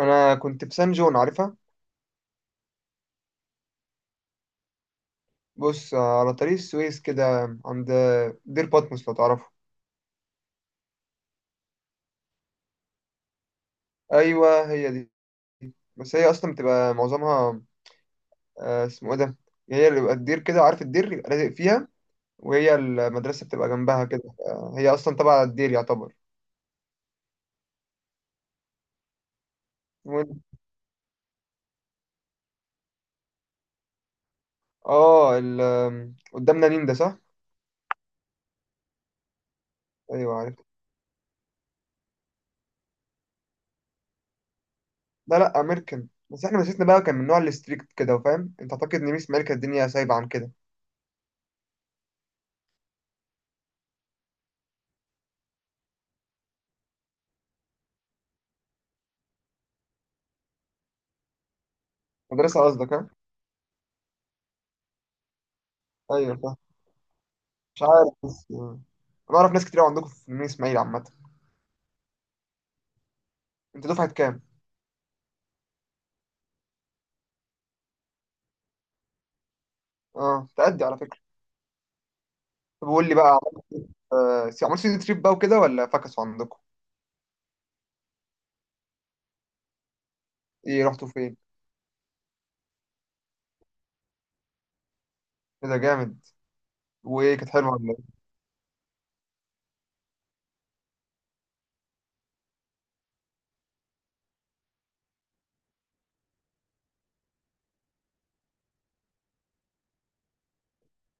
انا كنت في سان جون، عارفها؟ بص، على طريق السويس كده، عند دير باتموس، لو تعرفه. ايوه هي دي. بس هي اصلا بتبقى معظمها اسمه ايه ده، هي اللي بيبقى الدير كده، عارف الدير؟ يبقى لازق فيها، وهي المدرسه بتبقى جنبها كده. هي اصلا تبع الدير يعتبر. وال- اه ال... آم، قدامنا نين ده، صح؟ ايوه عارف. لا لا، امريكان. بس احنا مدرستنا بقى كان من نوع الستريكت كده، فاهم؟ انت اعتقد ان ميس مالكه الدنيا سايبه عن كده. مدرسه قصدك؟ ها، ايوه. مش عارف بس يعني. انا اعرف ناس كتير أوي عندكم في المنيا اسماعيل عامه. انت دفعه كام؟ اه تأدي على فكره. طب قول لي بقى، عملت عملت سيتي تريب بقى وكده، ولا فكسوا عندكم؟ ايه رحتوا فين؟ ايه ده جامد، وايه كانت حلوه ولا ايه؟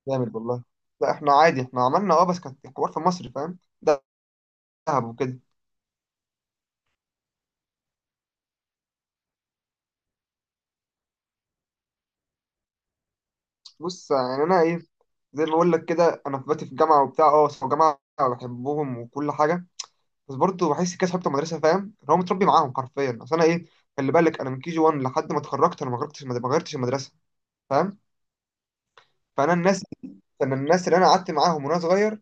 جامد والله. لا احنا عادي، احنا عملنا اه، بس كانت حوار في مصر، فاهم؟ دهب وكده. بص يعني انا ايه، زي ما بقول لك كده، انا في باتي في الجامعه وبتاع، اه بس الجامعه بحبهم وكل حاجه. بس برضه بحس كده صحابي المدرسه، فاهم؟ اللي هو متربي معاهم حرفيا. اصل انا ايه، خلي بالك انا من كي جي 1 لحد ما اتخرجت، انا ما غيرتش المدرسه، فاهم؟ فانا الناس انا الناس اللي انا قعدت معاهم وانا صغير،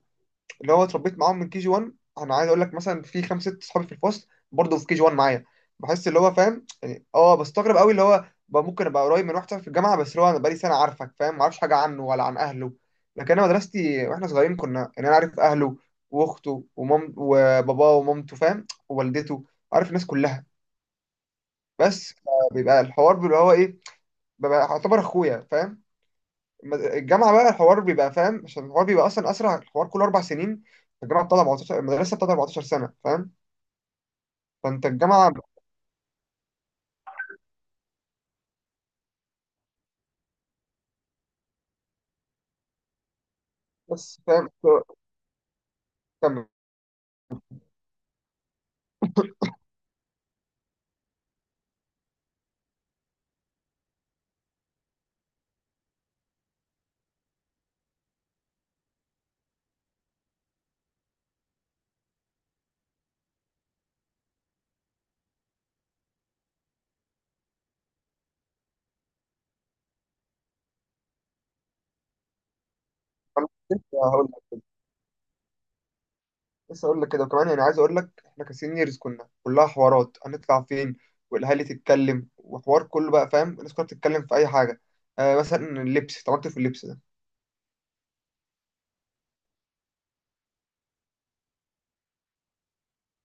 اللي هو اتربيت معاهم من كي جي 1. انا عايز اقول لك مثلا، في خمس ست صحابي في الفصل برضه في كي جي 1 معايا. بحس اللي هو، فاهم يعني، اه بستغرب قوي اللي هو بقى ممكن ابقى قريب من واحد صاحبي في الجامعه، بس اللي هو انا بقالي سنه عارفك فاهم، ما اعرفش حاجه عنه ولا عن اهله. لكن انا مدرستي واحنا صغيرين كنا، يعني انا عارف اهله واخته ومام وباباه ومامته، فاهم؟ ووالدته، عارف الناس كلها. بس بيبقى الحوار اللي هو ايه، ببقى اعتبر اخويا، فاهم؟ الجامعه بقى الحوار بيبقى فاهم، عشان الحوار بيبقى اصلا اسرع، الحوار كله اربع سنين. الجامعه بتاع 14، المدرسه بتاع 14 سنه، فاهم؟ فانت الجامعه، بس فاهم؟ كمل. أنا لسه هقول لك كده، وكمان يعني عايز اقول لك، احنا كسينيورز كنا كلها حوارات هنطلع فين، والاهالي تتكلم وحوار، كله بقى فاهم، الناس كلها بتتكلم في اي حاجه. آه مثلا اللبس، طب انت في اللبس ده؟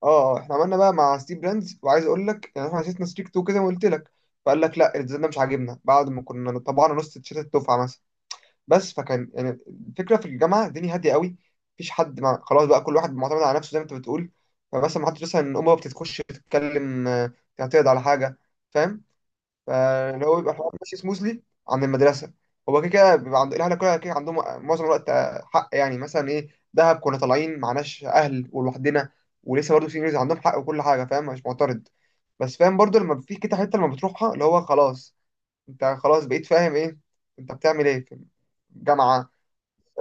اه. احنا عملنا بقى مع ستيف براندز، وعايز اقول لك يعني احنا عايزين نستريك تو كده، وقلت لك. فقال لك لا الديزاين ده مش عاجبنا، بعد ما كنا طبعنا نص تيشيرت الدفعه مثلا. بس فكان يعني، الفكره في الجامعه الدنيا هاديه قوي، مفيش حد مع خلاص بقى، كل واحد معتمد على نفسه زي ما انت بتقول. فمثلا ما حدش مثلا امه بتتخش تتكلم، تعترض على حاجه، فاهم؟ فاللي هو بيبقى الحوار ماشي سموثلي عن المدرسه. هو كده كده بيبقى عند الاهل كلها كده عندهم معظم الوقت، حق يعني مثلا ايه، دهب كنا طالعين معناش اهل ولوحدنا، ولسه برضه في انجليزي عندهم حق وكل حاجه، فاهم؟ مش معترض، بس فاهم برضه لما في كده حته لما بتروحها، اللي هو خلاص انت خلاص بقيت فاهم ايه انت بتعمل ايه في الجامعه،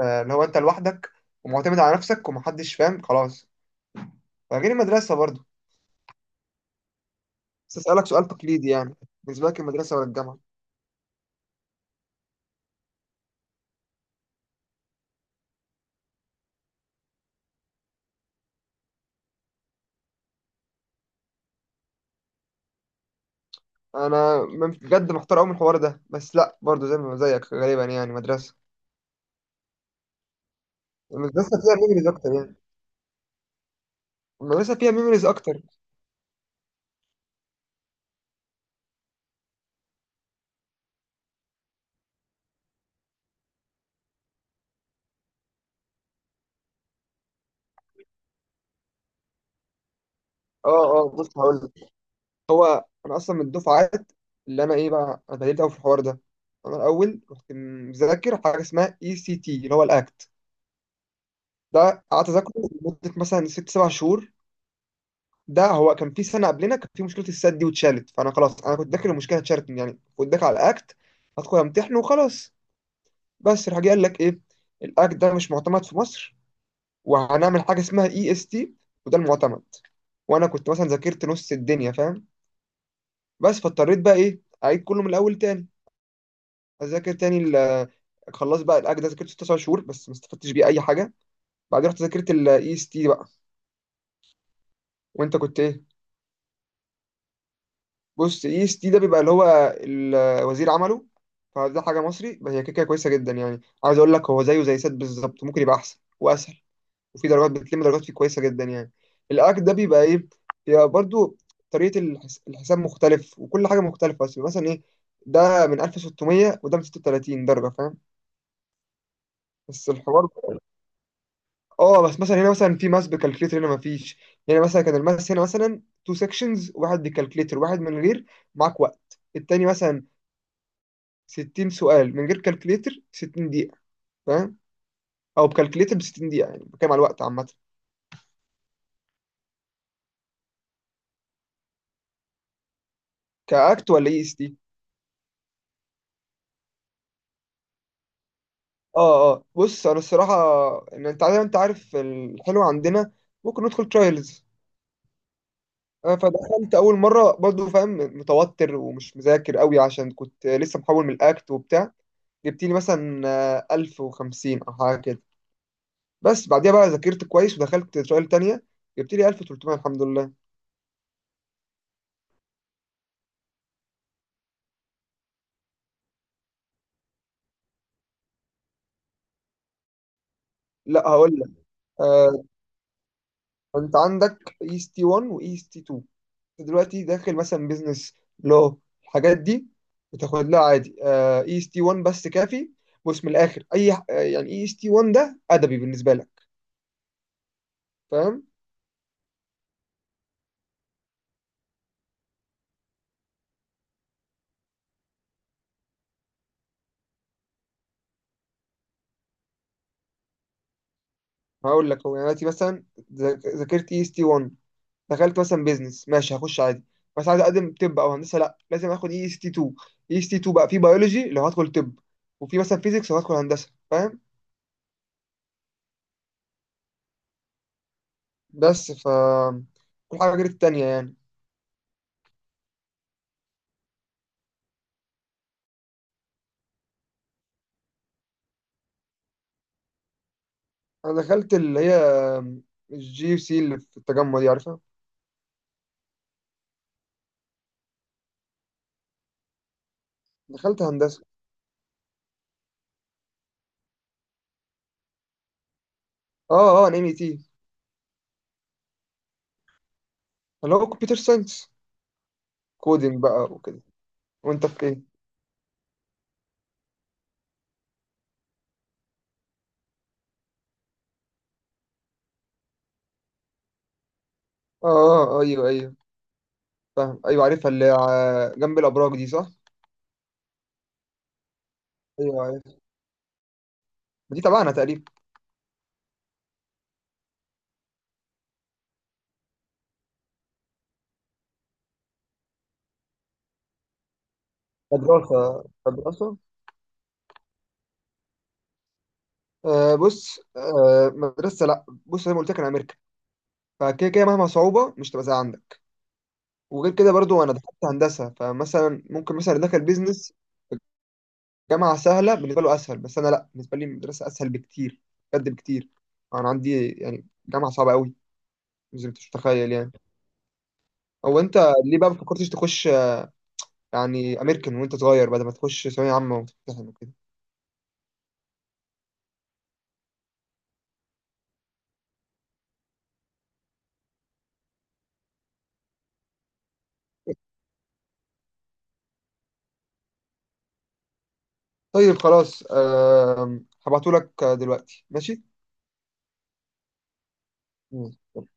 اللي هو انت لوحدك ومعتمد على نفسك ومحدش، فاهم؟ خلاص، فغير المدرسه برضو. بس اسالك سؤال تقليدي يعني، بالنسبه لك المدرسه ولا الجامعه؟ بجد محتار قوي من الحوار ده، بس لا برضو زي ما زيك غالبا يعني مدرسه. المدرسه فيها ميموريز اكتر يعني. المدرسه فيها ميموريز اكتر. اه اه، بص هقول لك، هو انا اصلا من الدفعات اللي انا ايه بقى، انا اتعلمت قوي في الحوار ده. انا الاول كنت مذاكر حاجه اسمها اي سي تي، اللي هو الاكت ده، قعدت اذاكره لمده مثلا ست سبع شهور. ده هو كان في سنه قبلنا كان في مشكله السد دي واتشالت، فانا خلاص انا كنت داخل المشكله، اتشالت يعني، كنت داخل على اكت، هدخل امتحنه وخلاص. بس راح جه قال لك ايه، الاكت ده مش معتمد في مصر، وهنعمل حاجه اسمها اي اس تي، وده المعتمد. وانا كنت مثلا ذاكرت نص الدنيا، فاهم؟ بس فاضطريت بقى ايه، اعيد كله من الاول تاني، اذاكر تاني خلاص. بقى الاكت ده ذاكرته 9 شهور بس ما استفدتش بيه اي حاجه. بعدين رحت ذاكرت الاي اس تي بقى. وانت كنت ايه؟ بص، اي اس تي ده بيبقى اللي هو الوزير عمله، فده حاجه مصري، بس هي كده كده كويسه جدا يعني. عايز اقول لك، هو زيه زي سات بالظبط، ممكن يبقى احسن واسهل، وفي درجات بتلم، درجات فيه كويسه جدا يعني. الاك ده بيبقى ايه، بيبقى برضو الحساب مختلف وكل حاجه مختلفه، بس مثلا ايه، ده من 1600 وده من 36 درجه، فاهم؟ بس الحوار اه، بس مثلا هنا مثلا في ماس بكالكليتر، هنا ما فيش. هنا مثلا كان الماس هنا مثلا تو سيكشنز، واحد بكالكليتر واحد من غير، معاك وقت. التاني مثلا 60 سؤال من غير كالكليتر، 60 دقيقة، فاهم؟ او بكالكليتر ب 60 دقيقة، يعني بتكلم على الوقت عامة. كاكت ولا اي اس تي؟ اه اه، بص انا الصراحة، ان انت عارف، انت عارف الحلو عندنا، ممكن ندخل ترايلز. فدخلت اول مرة برضو، فاهم؟ متوتر ومش مذاكر قوي، عشان كنت لسه محول من الاكت وبتاع، جبت لي مثلا 1050 او حاجة كده. بس بعديها بقى ذاكرت كويس ودخلت ترايل تانية، جبت لي 1300، الحمد لله. لا هقول لك، آه، انت عندك اي اس تي 1 واي اس تي 2. دلوقتي داخل مثلا بيزنس لو الحاجات دي، بتاخد لها عادي اي اس تي 1 بس كافي. بص من الاخر، اي ح- آه، يعني اي اس تي 1 ده ادبي بالنسبه لك، فاهم؟ هقول لك هو يعني دلوقتي مثلا، ذاكرت اي اس تي 1، دخلت مثلا بيزنس ماشي هخش عادي. بس عايز اقدم طب او هندسه، لا لازم اخد اي اس تي 2. اي اس تي 2 بقى في بيولوجي لو هدخل طب، وفي مثلا فيزيكس لو هدخل هندسه، فاهم؟ بس ف، كل حاجه غير التانيه يعني. انا دخلت اللي هي الجي يو سي اللي في التجمع دي، عارفها؟ دخلت هندسة. اه اه، انا ام اي تي، اللي هو كمبيوتر ساينس، كودينج بقى وكده. وانت في ايه؟ اه اه، ايوه ايوه، فاهم، ايوه عارفها اللي جنب الابراج دي، صح؟ ايوه عارف. دي تبعنا تقريبا. مدرسة؟ آه بص، آه مدرسة، لا بص زي ما قلت لك انا امريكا، فكده كده مهما صعوبة مش تبقى زي عندك. وغير كده برضو، انا دخلت هندسة، فمثلا ممكن مثلا اللي دخل بيزنس، جامعة سهلة بالنسبة له اسهل. بس انا لا، بالنسبة لي المدرسة اسهل بكتير، بجد بكتير. انا عندي يعني جامعة صعبة قوي، زي ما انت مش متخيل يعني. او انت ليه بقى ما فكرتش تخش يعني امريكان وانت صغير، بدل ما تخش ثانويه عامه وتمتحن وكده؟ طيب خلاص هبعتهولك دلوقتي، ماشي؟ مم.